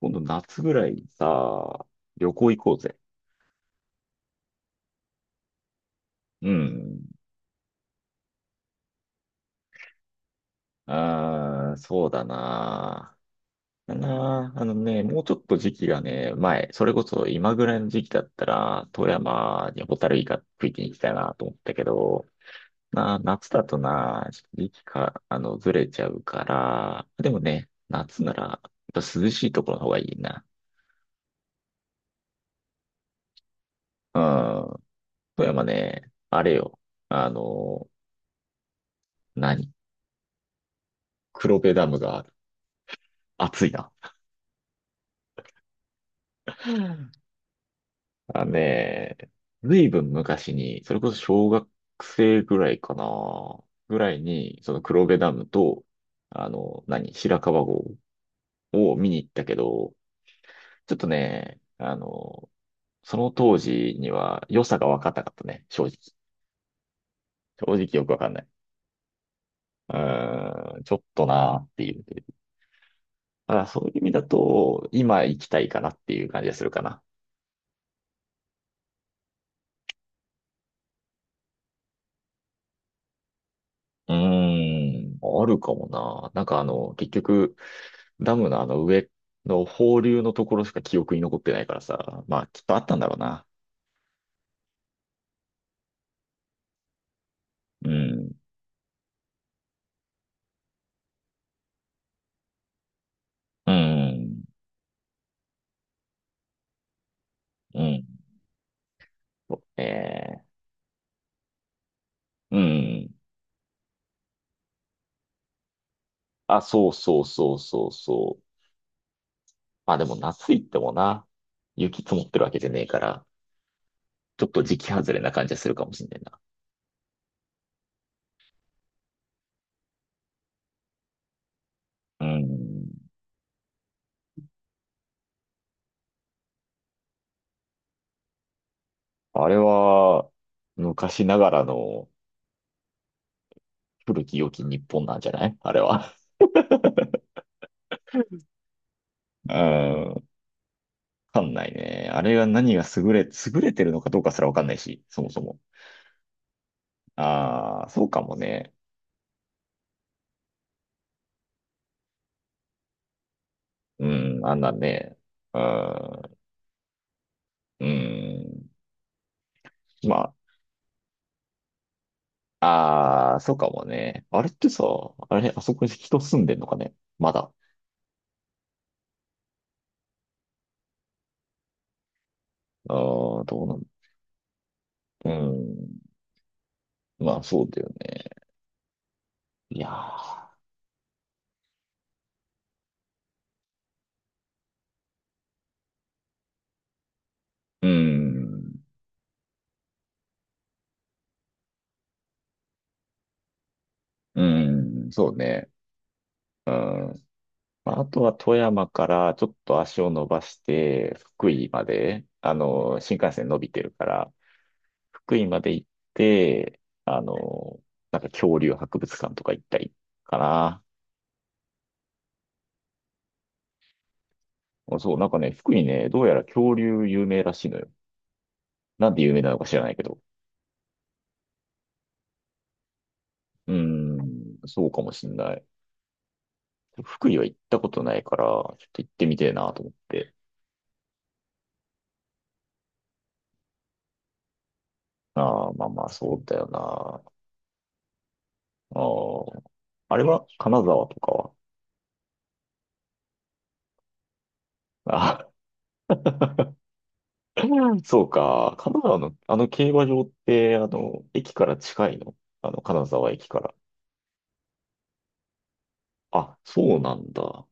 今度夏ぐらいにさ、旅行行こうぜ。うん。ああ、そうだな。だな。あのね、もうちょっと時期がね、前、それこそ今ぐらいの時期だったら、富山にホタルイカ食いに行きたいなと思ったけど、な、夏だとな、時期か、ずれちゃうから、でもね、夏なら、やっぱ涼しいところの方がいいな。うん。富山ね、あれよ。あの、何黒部ダムがある。暑いな。あのね、ずいぶん昔に、それこそ小学生ぐらいかな、ぐらいに、その黒部ダムと、白川郷を見に行ったけど、ちょっとね、その当時には良さが分かったかったね、正直。正直よく分かんない。ちょっとなーっていう。だからそういう意味だと、今行きたいかなっていう感じがするかな。うーん、あるかもな。なんか、結局、ダムのあの上の放流のところしか記憶に残ってないからさ。まあ、きっとあったんだろうな。うん、うん、うん。そうね。うん。あ、そうそうそうそうそう。まあでも夏行ってもな、雪積もってるわけじゃねえから、ちょっと時期外れな感じはするかもしんないな。うん。あれは、昔ながらの古き良き日本なんじゃないあれは。うん。わかんないね。あれが何が優れ、優れてるのかどうかすらわかんないし、そもそも。ああ、そうかもね。うん、あんなんね。うん、うん。まあ、ああ、そうかもね。あれってさ、あれ、あそこに人住んでんのかねまだ。ああ、どうなん、うん。まあ、そうだよね。いやー、うん、うん、そうね。うん。まあ、あとは富山からちょっと足を伸ばして、福井まで、新幹線伸びてるから、福井まで行って、なんか恐竜博物館とか行ったりかな。そう、なんかね、福井ね、どうやら恐竜有名らしいのよ。なんで有名なのか知らないけど。うーん、そうかもしんない。福井は行ったことないから、ちょっと行ってみてえなと思って。ああ、まあまあ、そうだよな。ああ、あれは金沢とかは。あ そうか。金沢の、あの競馬場って、駅から近いのあの、金沢駅から。あ、そうなんだ。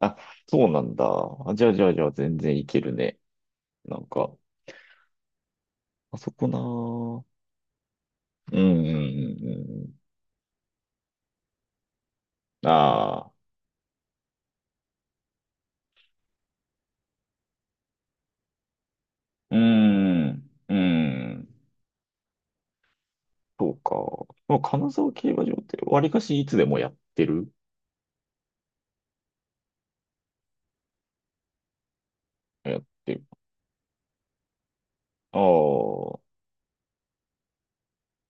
あ、そうなんだ。あ、じゃあじゃあじゃあ全然行けるね。なんか、あそこなぁ。うんうんうんうん。ああ、うん、うん。そうか。まあ、金沢競馬場って割かしいつでもやってるやってる。ああ、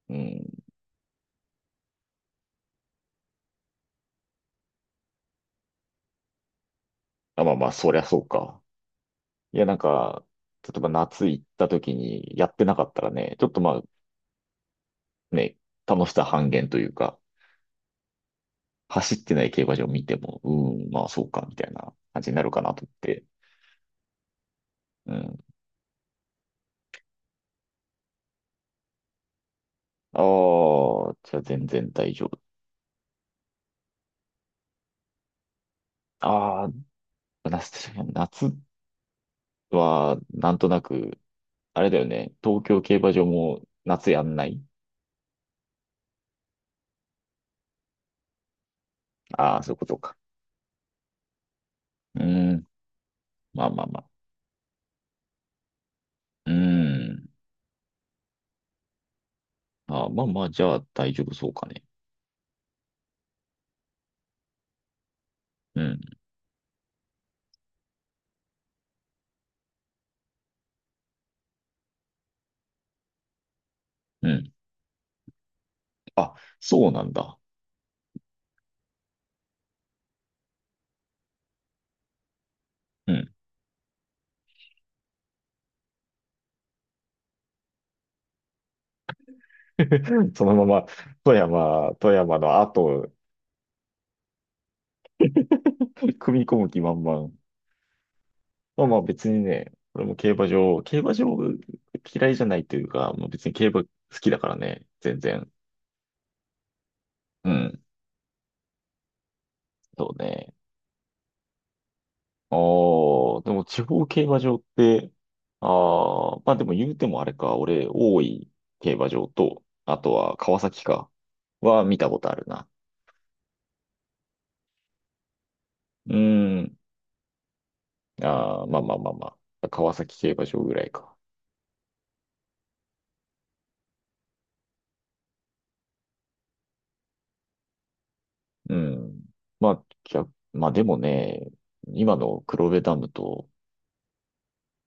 うん。あ、まあまあ、そりゃそうか。いや、なんか、例えば夏行った時にやってなかったらね、ちょっとまあね、楽しさ半減というか、走ってない競馬場見ても、うーん、まあそうか、みたいな感じになるかなと思って。うん。ああ、じゃあ全然大丈夫。ああ、夏はなんとなく、あれだよね、東京競馬場も夏やんないああー、そういうことか。うーん、まあまあまあ。うーん。ああまあまあ、じゃあ大丈夫そうかね。うん、うん。あ、そうなんだ。うん。そのまま、富山の後を組み込む気満々。まあ別にね、俺も競馬場嫌いじゃないというか、もう別に競馬好きだからね、全然。うん、そうね。ああ、でも地方競馬場って、ああ、まあでも言うてもあれか、俺、大井競馬場と、あとは川崎か、は見たことあるな。うん、ああ、まあまあまあまあ、川崎競馬場ぐらいか。うん。まあ、逆、まあでもね、今の黒部ダムと、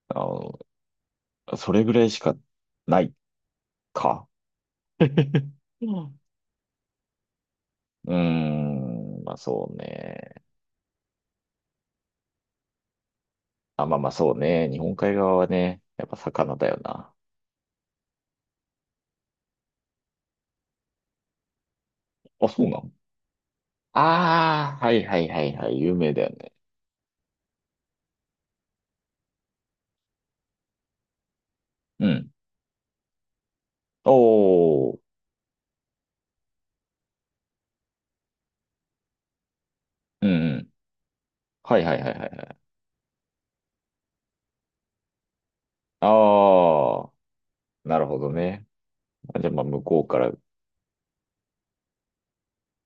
あの、それぐらいしかないか。うん。うーん、まあそうね。あ、まあまあそうね。日本海側はね、やっぱ魚だよな。あ、そうなのああー、はいはいはいはい、有名だよね。うん。おー、うんうん。はいはいはいはいはい。ああ、なるほどね。あじゃあまあ向こうから、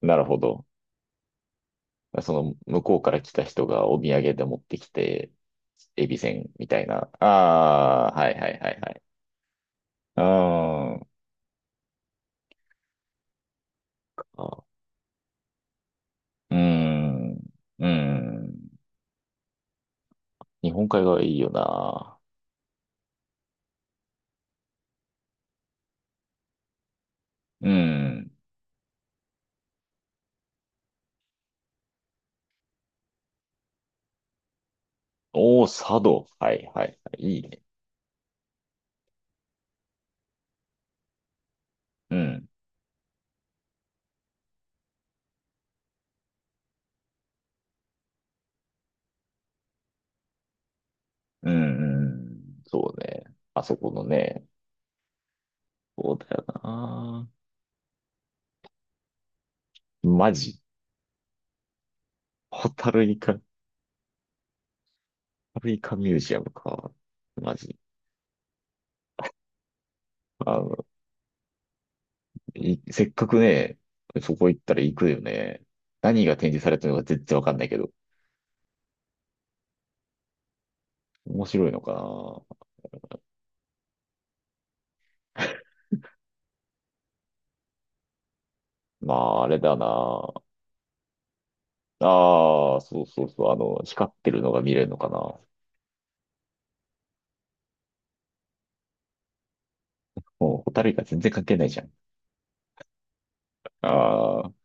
なるほど。その向こうから来た人がお土産で持ってきて、エビせんみたいな。ああ、はいはいはいはい。ああ、うーん、うーん。日本海側いいよな。うーん。おー、佐渡。はいはいはい。いいね。うん、うん、うん。そうね。あそこのね。そうだよな。マジ。ホタルイカミュージアムか。マジ。あのいせっかくね、そこ行ったら行くよね。何が展示されてるのか全然わかんないけど。面白いのかな。まあ、あれだな。ああ、そうそうそう。あの、光ってるのが見れるのかな。もう、ホタルイカ全然関係ないじゃん。ああ。